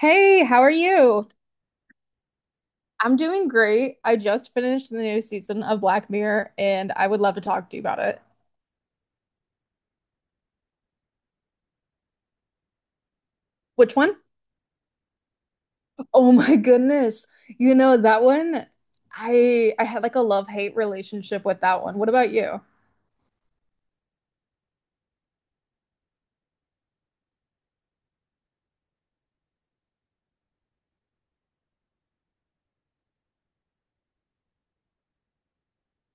Hey, how are you? I'm doing great. I just finished the new season of Black Mirror and I would love to talk to you about it. Which one? Oh my goodness. You know that one, I had like a love-hate relationship with that one. What about you?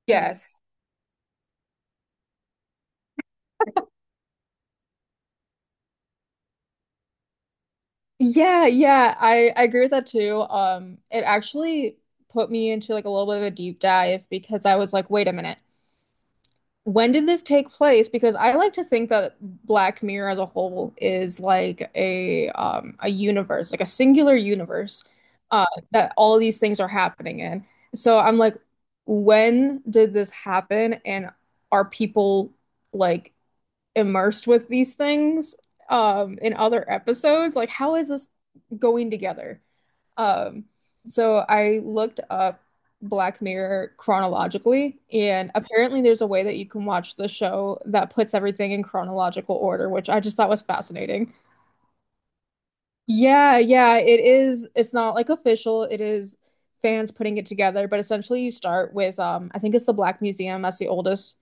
Yes. Yeah, yeah, I agree with that too. It actually put me into like a little bit of a deep dive because I was like, wait a minute. When did this take place? Because I like to think that Black Mirror as a whole is like a universe, like a singular universe, uh, that all these things are happening in. So I'm like, when did this happen? And are people like immersed with these things in other episodes? Like, how is this going together? Um, so I looked up Black Mirror chronologically, and apparently there's a way that you can watch the show that puts everything in chronological order, which I just thought was fascinating. Yeah, yeah, it is. It's not like official, it is fans putting it together, but essentially you start with I think it's the Black Museum, that's the oldest.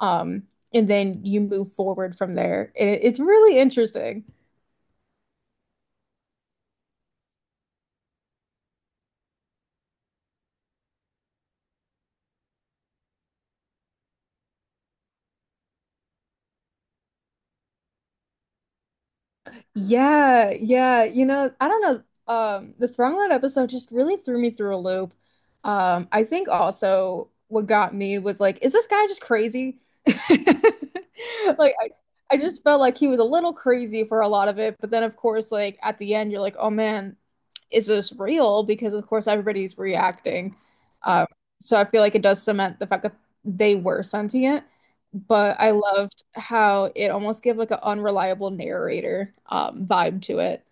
Um, and then you move forward from there. It's really interesting. Yeah, yeah. I don't know. The Thrumlet episode just really threw me through a loop. I think also what got me was like, is this guy just crazy? Like, I just felt like he was a little crazy for a lot of it, but then of course, like at the end, you're like, oh man, is this real? Because of course everybody's reacting. Um, so I feel like it does cement the fact that they were sentient, but I loved how it almost gave like an unreliable narrator vibe to it.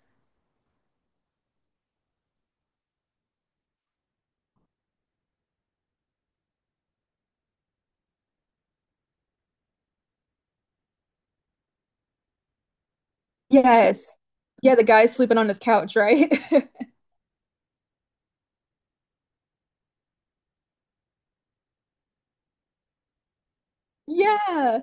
Yes. Yeah, the guy's sleeping on his couch, right? Yeah.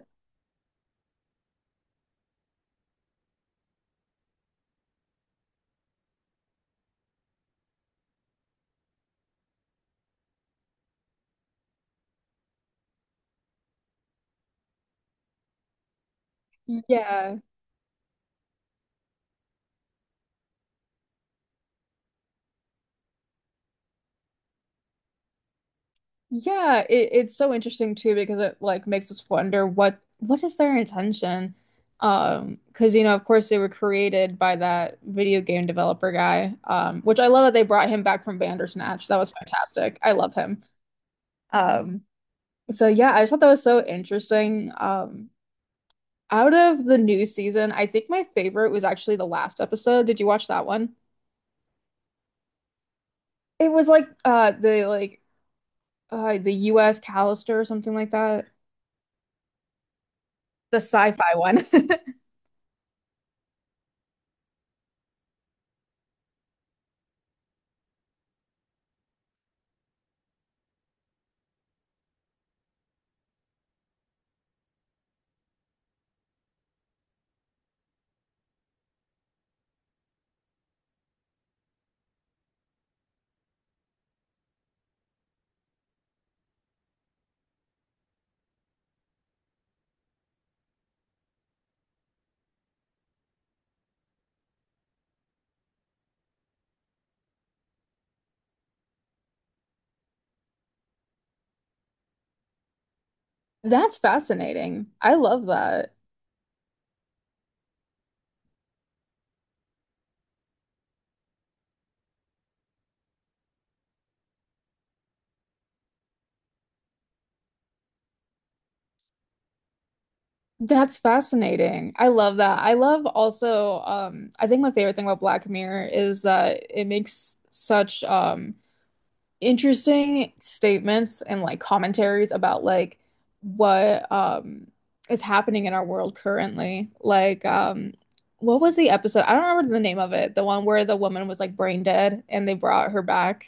Yeah. Yeah, it's so interesting too because it like makes us wonder what is their intention? Because of course, they were created by that video game developer guy, which I love that they brought him back from Bandersnatch. That was fantastic. I love him. Um, so yeah, I just thought that was so interesting. Out of the new season, I think my favorite was actually the last episode. Did you watch that one? It was like the US Callister or something like that. The sci-fi one. That's fascinating. I love that. That's fascinating. I love that. I love also, I think my favorite thing about Black Mirror is that it makes such interesting statements and like commentaries about like what is happening in our world currently. Like what was the episode? I don't remember the name of it. The one where the woman was like brain dead and they brought her back.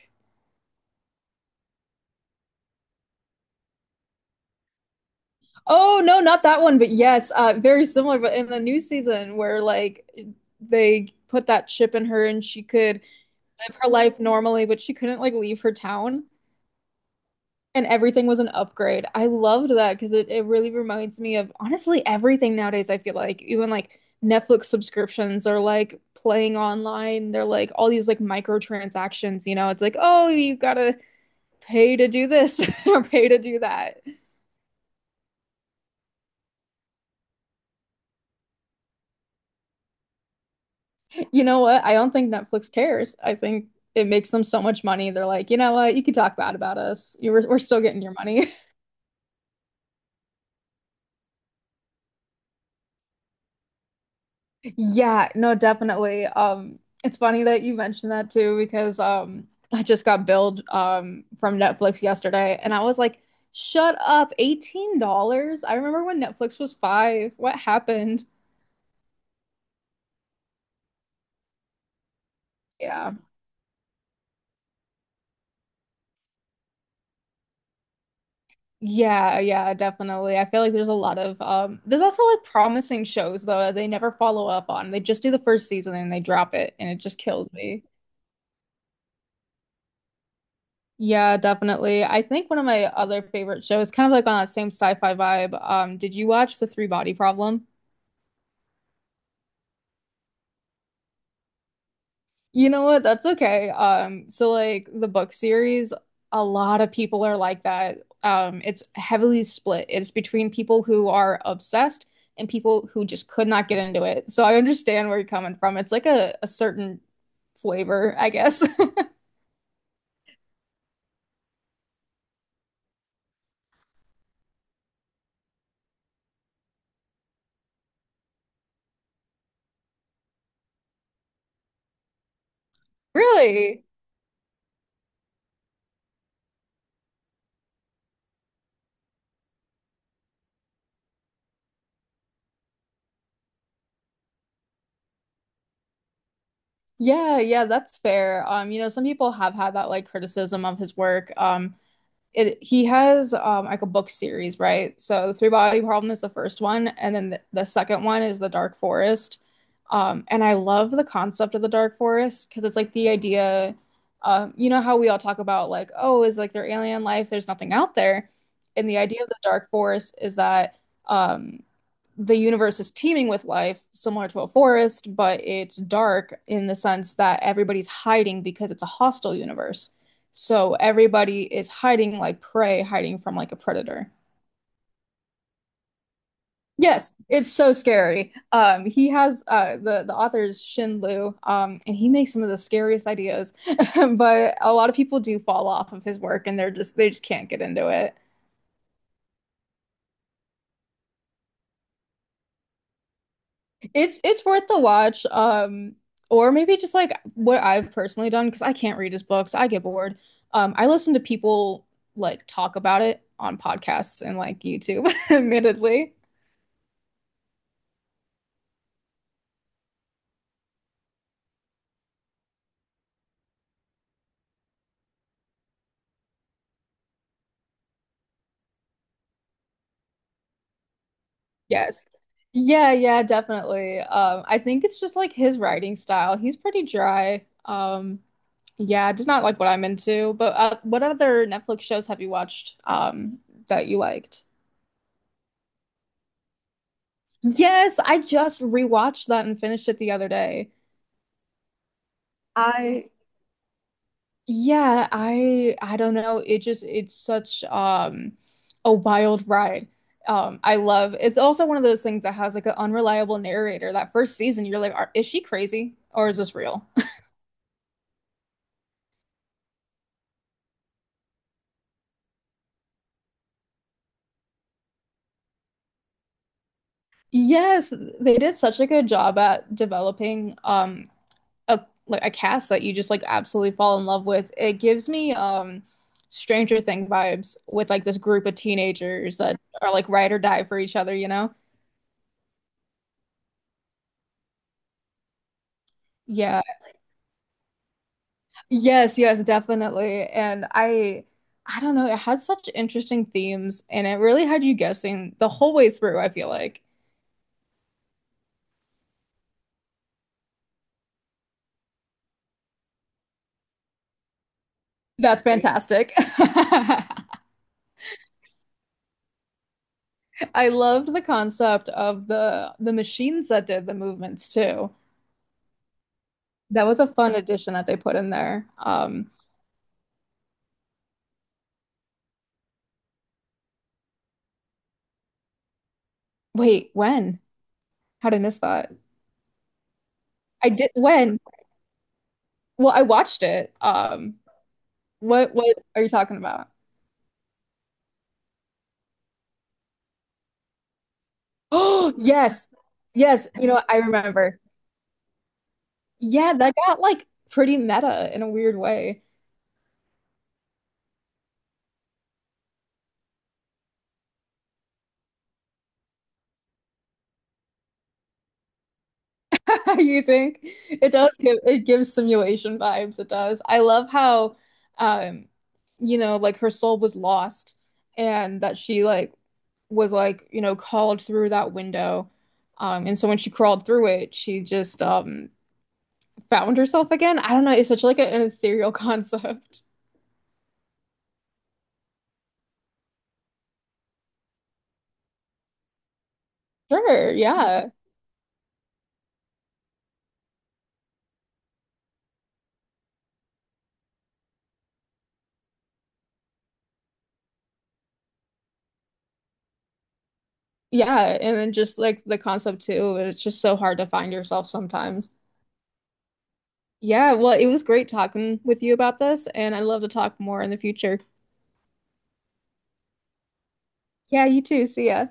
Oh no, not that one, but yes, very similar. But in the new season, where like they put that chip in her and she could live her life normally, but she couldn't like leave her town, and everything was an upgrade. I loved that because it really reminds me of honestly everything nowadays. I feel like even like Netflix subscriptions or like playing online, they're like all these like microtransactions. It's like, oh, you gotta pay to do this or pay to do that. You know what? I don't think Netflix cares. I think it makes them so much money. They're like, you know what? You can talk bad about us. You were, we're still getting your money. Yeah, no, definitely. It's funny that you mentioned that too because I just got billed from Netflix yesterday, and I was like, shut up, $18? I remember when Netflix was five. What happened? Yeah. Yeah, yeah, definitely. I feel like there's a lot of there's also like promising shows though that they never follow up on. They just do the first season and they drop it and it just kills me. Yeah, definitely. I think one of my other favorite shows, kind of like on that same sci-fi vibe, did you watch The Three Body Problem? You know what? That's okay. So like the book series, a lot of people are like that. It's heavily split. It's between people who are obsessed and people who just could not get into it. So I understand where you're coming from. It's like a certain flavor, I guess. Really? Yeah, yeah, that's fair. Some people have had that like criticism of his work. It He has like a book series, right? So the Three Body Problem is the first one, and then the second one is the Dark Forest. And I love the concept of the Dark Forest because it's like the idea, you know how we all talk about like, oh, is like there alien life? There's nothing out there. And the idea of the Dark Forest is that um the universe is teeming with life, similar to a forest, but it's dark in the sense that everybody's hiding because it's a hostile universe. So everybody is hiding like prey, hiding from like a predator. Yes, it's so scary. He has the author is Shin Liu, and he makes some of the scariest ideas. But a lot of people do fall off of his work, and they just can't get into it. It's worth the watch. Or maybe just like what I've personally done, because I can't read his books. I get bored. I listen to people like talk about it on podcasts and like YouTube, admittedly. Yes. Yeah, yeah, definitely. I think it's just like his writing style. He's pretty dry. Yeah, just not like what I'm into. But what other Netflix shows have you watched that you liked? Yes, I just rewatched that and finished it the other day. I Yeah, I don't know. It's such a wild ride. I love, it's also one of those things that has like an unreliable narrator. That first season, you're like, is she crazy or is this real? Yes, they did such a good job at developing a a cast that you just like absolutely fall in love with. It gives me Stranger Thing vibes with like this group of teenagers that are like ride or die for each other, you know? Yeah. Yes, yes, definitely. And I don't know, it had such interesting themes and it really had you guessing the whole way through, I feel like. That's fantastic. I loved the concept of the machines that did the movements too. That was a fun addition that they put in there. Wait, when? How did I miss that? I did when? Well, I watched it. What are you talking about? Oh, yes. Yes, you know, I remember. Yeah, that got like pretty meta in a weird way. You think it does, give it gives simulation vibes. It does. I love how, um, like her soul was lost, and that she like was like called through that window, and so when she crawled through it, she just found herself again. I don't know. It's such like an ethereal concept. Sure. Yeah. Yeah. And then just like the concept too. It's just so hard to find yourself sometimes. Yeah, well, it was great talking with you about this, and I'd love to talk more in the future. Yeah, you too. See ya.